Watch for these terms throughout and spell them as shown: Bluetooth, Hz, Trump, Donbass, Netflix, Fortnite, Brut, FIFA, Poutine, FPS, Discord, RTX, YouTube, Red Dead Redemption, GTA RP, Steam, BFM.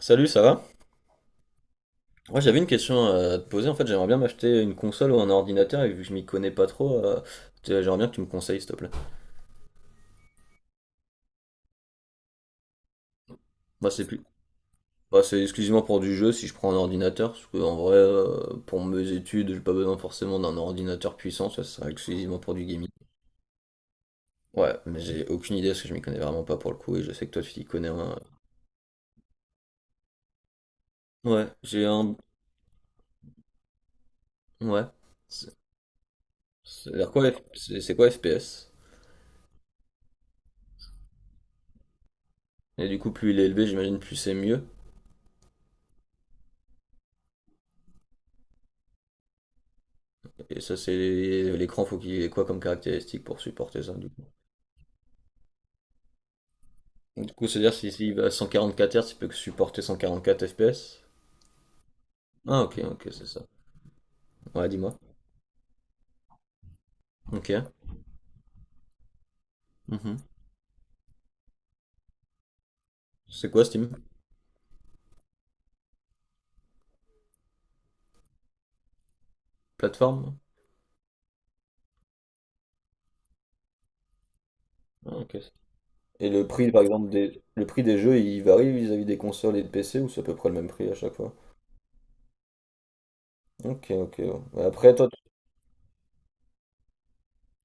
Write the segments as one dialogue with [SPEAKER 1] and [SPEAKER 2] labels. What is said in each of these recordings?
[SPEAKER 1] Salut, ça va? Moi, j'avais une question à te poser. En fait, j'aimerais bien m'acheter une console ou un ordinateur, et vu que je m'y connais pas trop, j'aimerais bien que tu me conseilles, s'il te plaît. Moi, c'est plus. Moi, c'est exclusivement pour du jeu si je prends un ordinateur, parce que en vrai, pour mes études, j'ai pas besoin forcément d'un ordinateur puissant, ça sera exclusivement pour du gaming. Ouais, mais j'ai aucune idée parce que je m'y connais vraiment pas pour le coup, et je sais que toi, tu t'y connais un. Ouais, j'ai un. Ouais. C'est alors quoi, c'est quoi FPS? Et du coup, plus il est élevé, j'imagine, plus c'est mieux. Et ça, c'est l'écran, faut qu'il ait quoi comme caractéristique pour supporter ça, du coup. Donc, du coup, c'est-à-dire si s'il va à 4 Hz, il peut que supporter 144 FPS. Ah, ok, ok, c'est ça. Ouais, dis-moi. Ok. Mhm. C'est quoi Steam? Plateforme? Ah, ok. Et le prix, par exemple, le prix des jeux, il varie vis-à-vis des consoles et de PC, ou c'est à peu près le même prix à chaque fois? Ok, ok. Ouais. Après,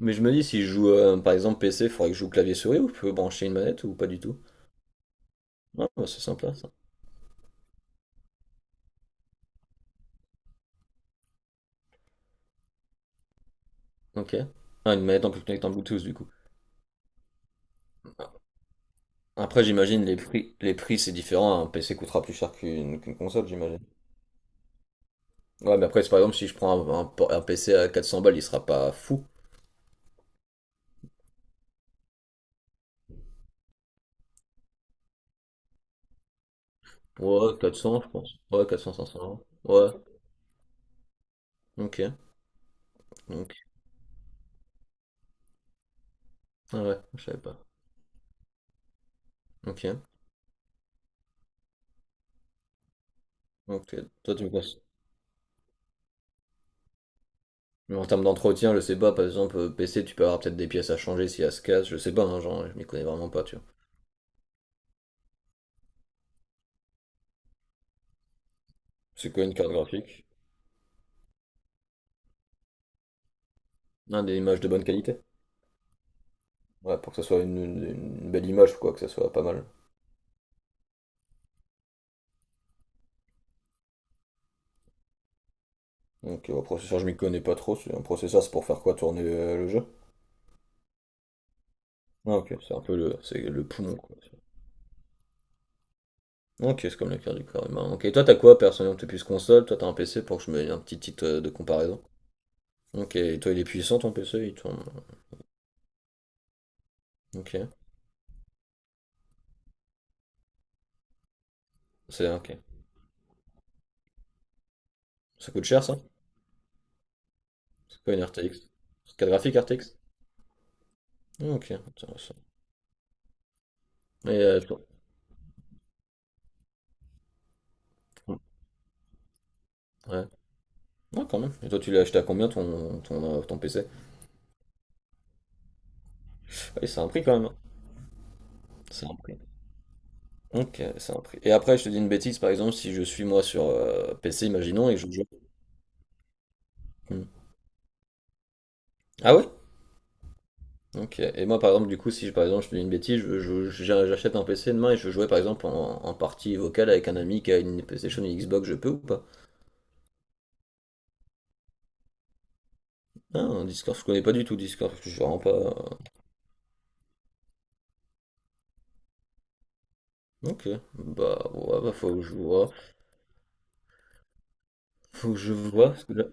[SPEAKER 1] mais je me dis, si je joue, par exemple, PC, il faudrait que je joue clavier-souris, ou je peux brancher une manette, ou pas du tout? Ah, bah, c'est sympa, ça. Ok. Ah, une manette en plus connectée en Bluetooth, du coup. Après, j'imagine les prix c'est différent. Un PC coûtera plus cher qu'une console, j'imagine. Ouais, mais après, c'est par exemple, si je prends un PC à 400 balles, il sera pas fou. Ouais, 400, je pense. Ouais, 400, 500 euros. Ouais, ok. Donc, ah ouais, je savais pas. Ok, ok. Toi, tu me penses. Mais en termes d'entretien, je sais pas, par exemple, PC, tu peux avoir peut-être des pièces à changer si elle se casse, je sais pas, hein, genre, je m'y connais vraiment pas, tu vois. C'est quoi une carte graphique? Ah, des images de bonne qualité. Ouais, pour que ça soit une belle image, quoi, que ça soit pas mal. Ok, au processeur, je m'y connais pas trop. Un processeur, c'est pour faire quoi tourner le jeu? Ah, ok, c'est un peu le, c'est le poumon, quoi. Ok, c'est comme le cœur du corps humain. Ok, et toi, t'as quoi, personnellement? T'es plus console, toi, t'as un PC pour que je me dise un petit titre de comparaison. Ok, et toi, il est puissant, ton PC, il tourne, ok, c'est ok. Ça coûte cher, ça? C'est quoi une RTX? Carte graphique RTX? Ok, intéressant. Et euh, toi- Ouais. Ouais, quand même. Et toi, tu l'as acheté à combien ton, ton PC? Ouais, c'est un prix quand même, hein. C'est un prix. Ok, c'est un prix. Et après, je te dis une bêtise, par exemple, si je suis moi sur PC, imaginons, et que je joue. Hmm. Ah ouais? Ok. Et moi, par exemple, du coup, si par exemple, je te dis une bêtise, j'achète un PC demain et je jouais par exemple en partie vocale avec un ami qui a une PlayStation, une Xbox, je peux ou pas? Ah, un Discord, je connais pas du tout Discord, parce que je suis vraiment pas, ok. Bah, ouais, bah, faut que je vois. Faut que je vois,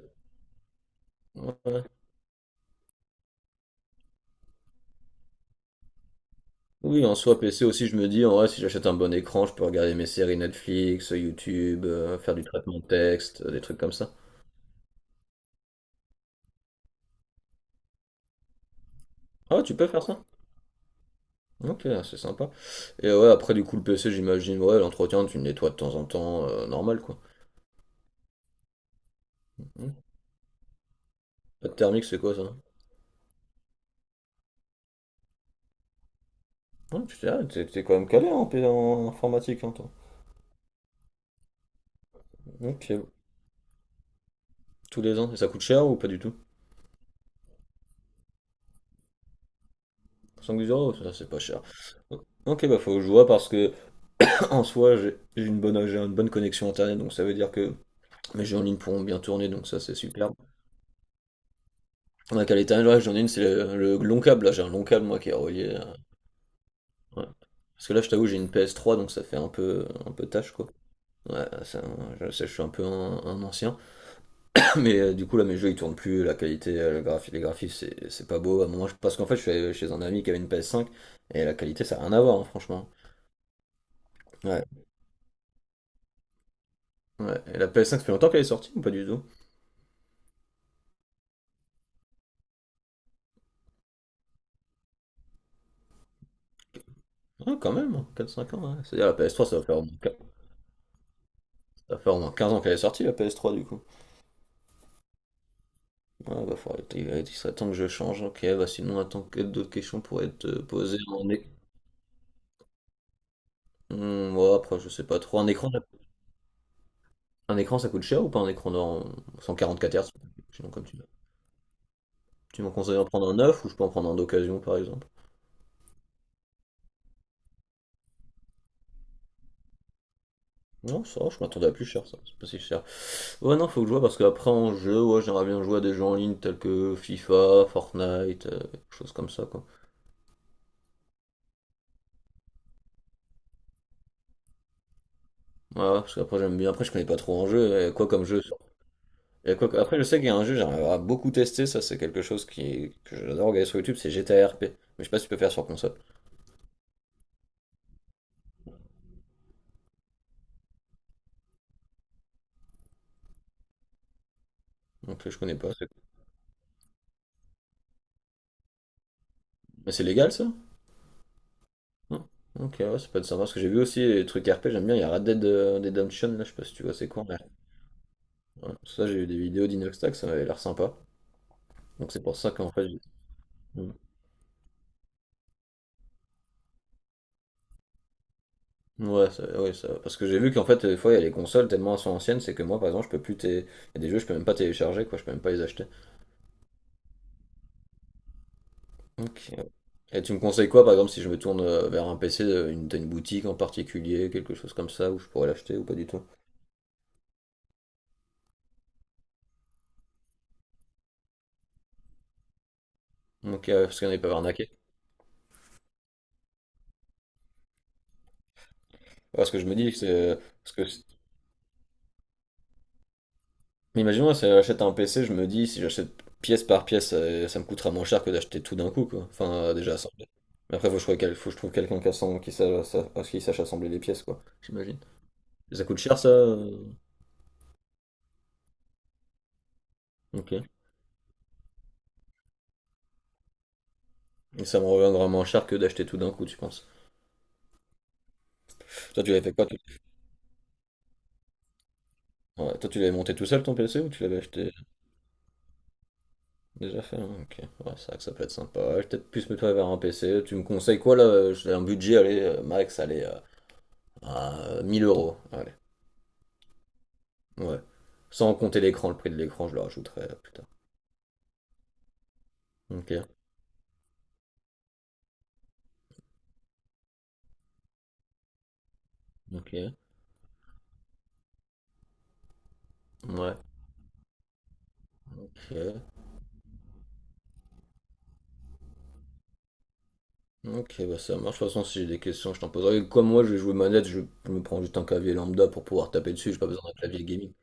[SPEAKER 1] ouais. Oui, en soi, PC aussi, je me dis, en vrai, si j'achète un bon écran, je peux regarder mes séries Netflix, YouTube, faire du traitement de texte, des trucs comme ça. Ah, tu peux faire ça? Ok, c'est sympa. Et ouais, après, du coup, le PC, j'imagine, ouais, l'entretien, tu le nettoies de temps en temps, normal, quoi. Hmm. Pas de thermique, c'est quoi ça? Ouais, tu t'es ah, t'es- t'es quand même calé en informatique, hein, toi. Ok, tous les ans. Et ça coûte cher ou pas du tout? 5 euros, ça, c'est pas cher. Ok, bah faut que je vois parce que en soi j'ai une bonne connexion internet donc ça veut dire que mes jeux en ligne pourront bien tourner donc ça c'est superbe. La qualité internet, ouais, j'en ai une c'est le long câble là j'ai un long câble moi qui est relié. Ouais. Parce que là, je t'avoue, j'ai une PS3, donc ça fait un peu tâche, quoi. Ouais, ça, je sais, je suis un peu un ancien. Mais du coup, là, mes jeux, ils tournent plus. La qualité, les graphismes, c'est pas beau. À un moment, parce qu'en fait, je suis allé chez un ami qui avait une PS5, et la qualité, ça a rien à voir, hein, franchement. Ouais, ouais. Et la PS5, ça fait longtemps qu'elle est sortie ou pas du tout? Ah, quand même, hein, 4-5 ans, ouais. C'est-à-dire, la PS3, ça va faire au moins 15 ans qu'elle est sortie, la PS3, du coup. Ouais, bah, il serait temps que je change. Ok, bah, sinon, attends, que d'autres questions pourraient être posées en. Ouais, après, je sais pas trop. Un écran, ça coûte cher ou pas un écran en 4 Hz? Sinon, comme tu veux. Tu m'en conseilles d'en prendre un neuf ou je peux en prendre un d'occasion, par exemple? Non, ça, va, je m'attendais à plus cher, ça. C'est pas si cher. Ouais, non, faut que je vois parce qu'après, en jeu, ouais, j'aimerais bien jouer à des jeux en ligne tels que FIFA, Fortnite, choses comme ça, quoi. Ouais, parce qu'après, j'aime bien. Après, je connais pas trop en jeu. Il y a quoi comme jeu? Sur- il y a quoi que- Après, je sais qu'il y a un jeu, j'aimerais à beaucoup tester, ça, c'est quelque chose que j'adore regarder sur YouTube, c'est GTA RP. Mais je sais pas si tu peux faire sur console. Donc, je connais pas. Mais c'est légal, ça? Hmm. Ok, ouais, ça peut être sympa parce que j'ai vu aussi les trucs RP, j'aime bien. Il y a Red Dead Redemption, là, je sais pas si tu vois, c'est quoi, ouais. Ça, j'ai vu des vidéos d'Inoxtag, ça m'avait l'air sympa. Donc c'est pour ça qu'en fait. Hmm. Ouais, ça, ouais, parce que j'ai vu qu'en fait, des fois, il y a les consoles tellement elles sont anciennes, c'est que moi, par exemple, je peux plus. Il y a des jeux, je peux même pas télécharger, quoi, je peux même pas les acheter. Ok. Et tu me conseilles quoi, par exemple, si je me tourne vers un PC, t'as une boutique en particulier, quelque chose comme ça, où je pourrais l'acheter ou pas du tout? Ok, ouais, parce qu'on n'est pas arnaqué. Parce que je me dis que c'est. Parce que. Mais imaginons, là, si j'achète un PC, je me dis, si j'achète pièce par pièce, ça me coûtera moins cher que d'acheter tout d'un coup, quoi. Enfin, déjà assemblé. Mais après, faut que je trouve quelqu'un qui, assemble- qui, sa- sa- qui sache assembler les pièces, quoi. J'imagine. Ça coûte cher, ça? Ok. Et ça me reviendra moins cher que d'acheter tout d'un coup, tu penses? Toi, tu l'avais fait quoi? Ouais, toi, tu l'avais monté tout seul, ton PC, ou tu l'avais acheté déjà fait, hein? Ok. Ouais, c'est vrai que ça peut être sympa. Ouais, je vais peut-être plus me tourner vers un PC. Tu me conseilles quoi, là? J'ai un budget, allez, max, allez, à 1000 euros. Allez. Ouais. Sans compter l'écran, le prix de l'écran, je le rajouterai plus tard. Ok, ok, ouais, ok, ok, bah ça marche. De toute façon, si j'ai des questions, je t'en poserai. Comme moi, je vais jouer manette, je me prends juste un clavier lambda pour pouvoir taper dessus, j'ai pas besoin d'un clavier gaming.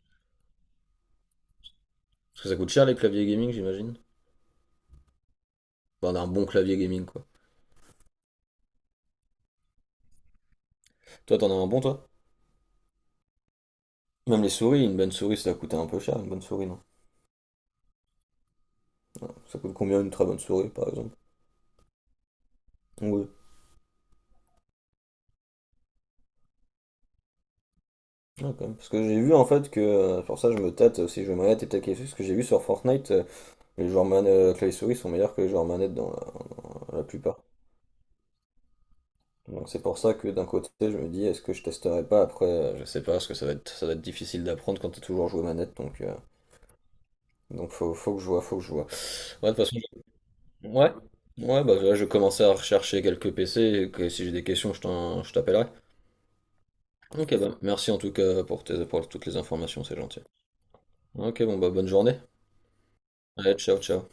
[SPEAKER 1] Parce que ça coûte cher les claviers gaming, j'imagine. Enfin, d'un bon clavier gaming, quoi. Toi, t'en as un bon, toi? Même les souris, une bonne souris, ça coûte un peu cher, une bonne souris, non? Ça coûte combien une très bonne souris, par exemple? Oui, ah, quand même. Parce que j'ai vu en fait que, pour ça, je me tâte aussi, je vais manette et peut-être quelque chose, parce que j'ai vu sur Fortnite, les joueurs manettes clavier souris sont meilleurs que les joueurs manettes dans la plupart. Donc c'est pour ça que d'un côté, je me dis, est-ce que je testerai pas après, je sais pas, parce que ça va être difficile d'apprendre quand t'as toujours joué manette, donc faut que je vois, faut que je vois. Ouais, de toute façon, ouais, ouais, bah là, je vais commencer à rechercher quelques PC, et que si j'ai des questions, je t'appellerai. Ok, bah, merci en tout cas pour toutes les informations, c'est gentil. Ok, bon, bah, bonne journée. Allez, ciao, ciao.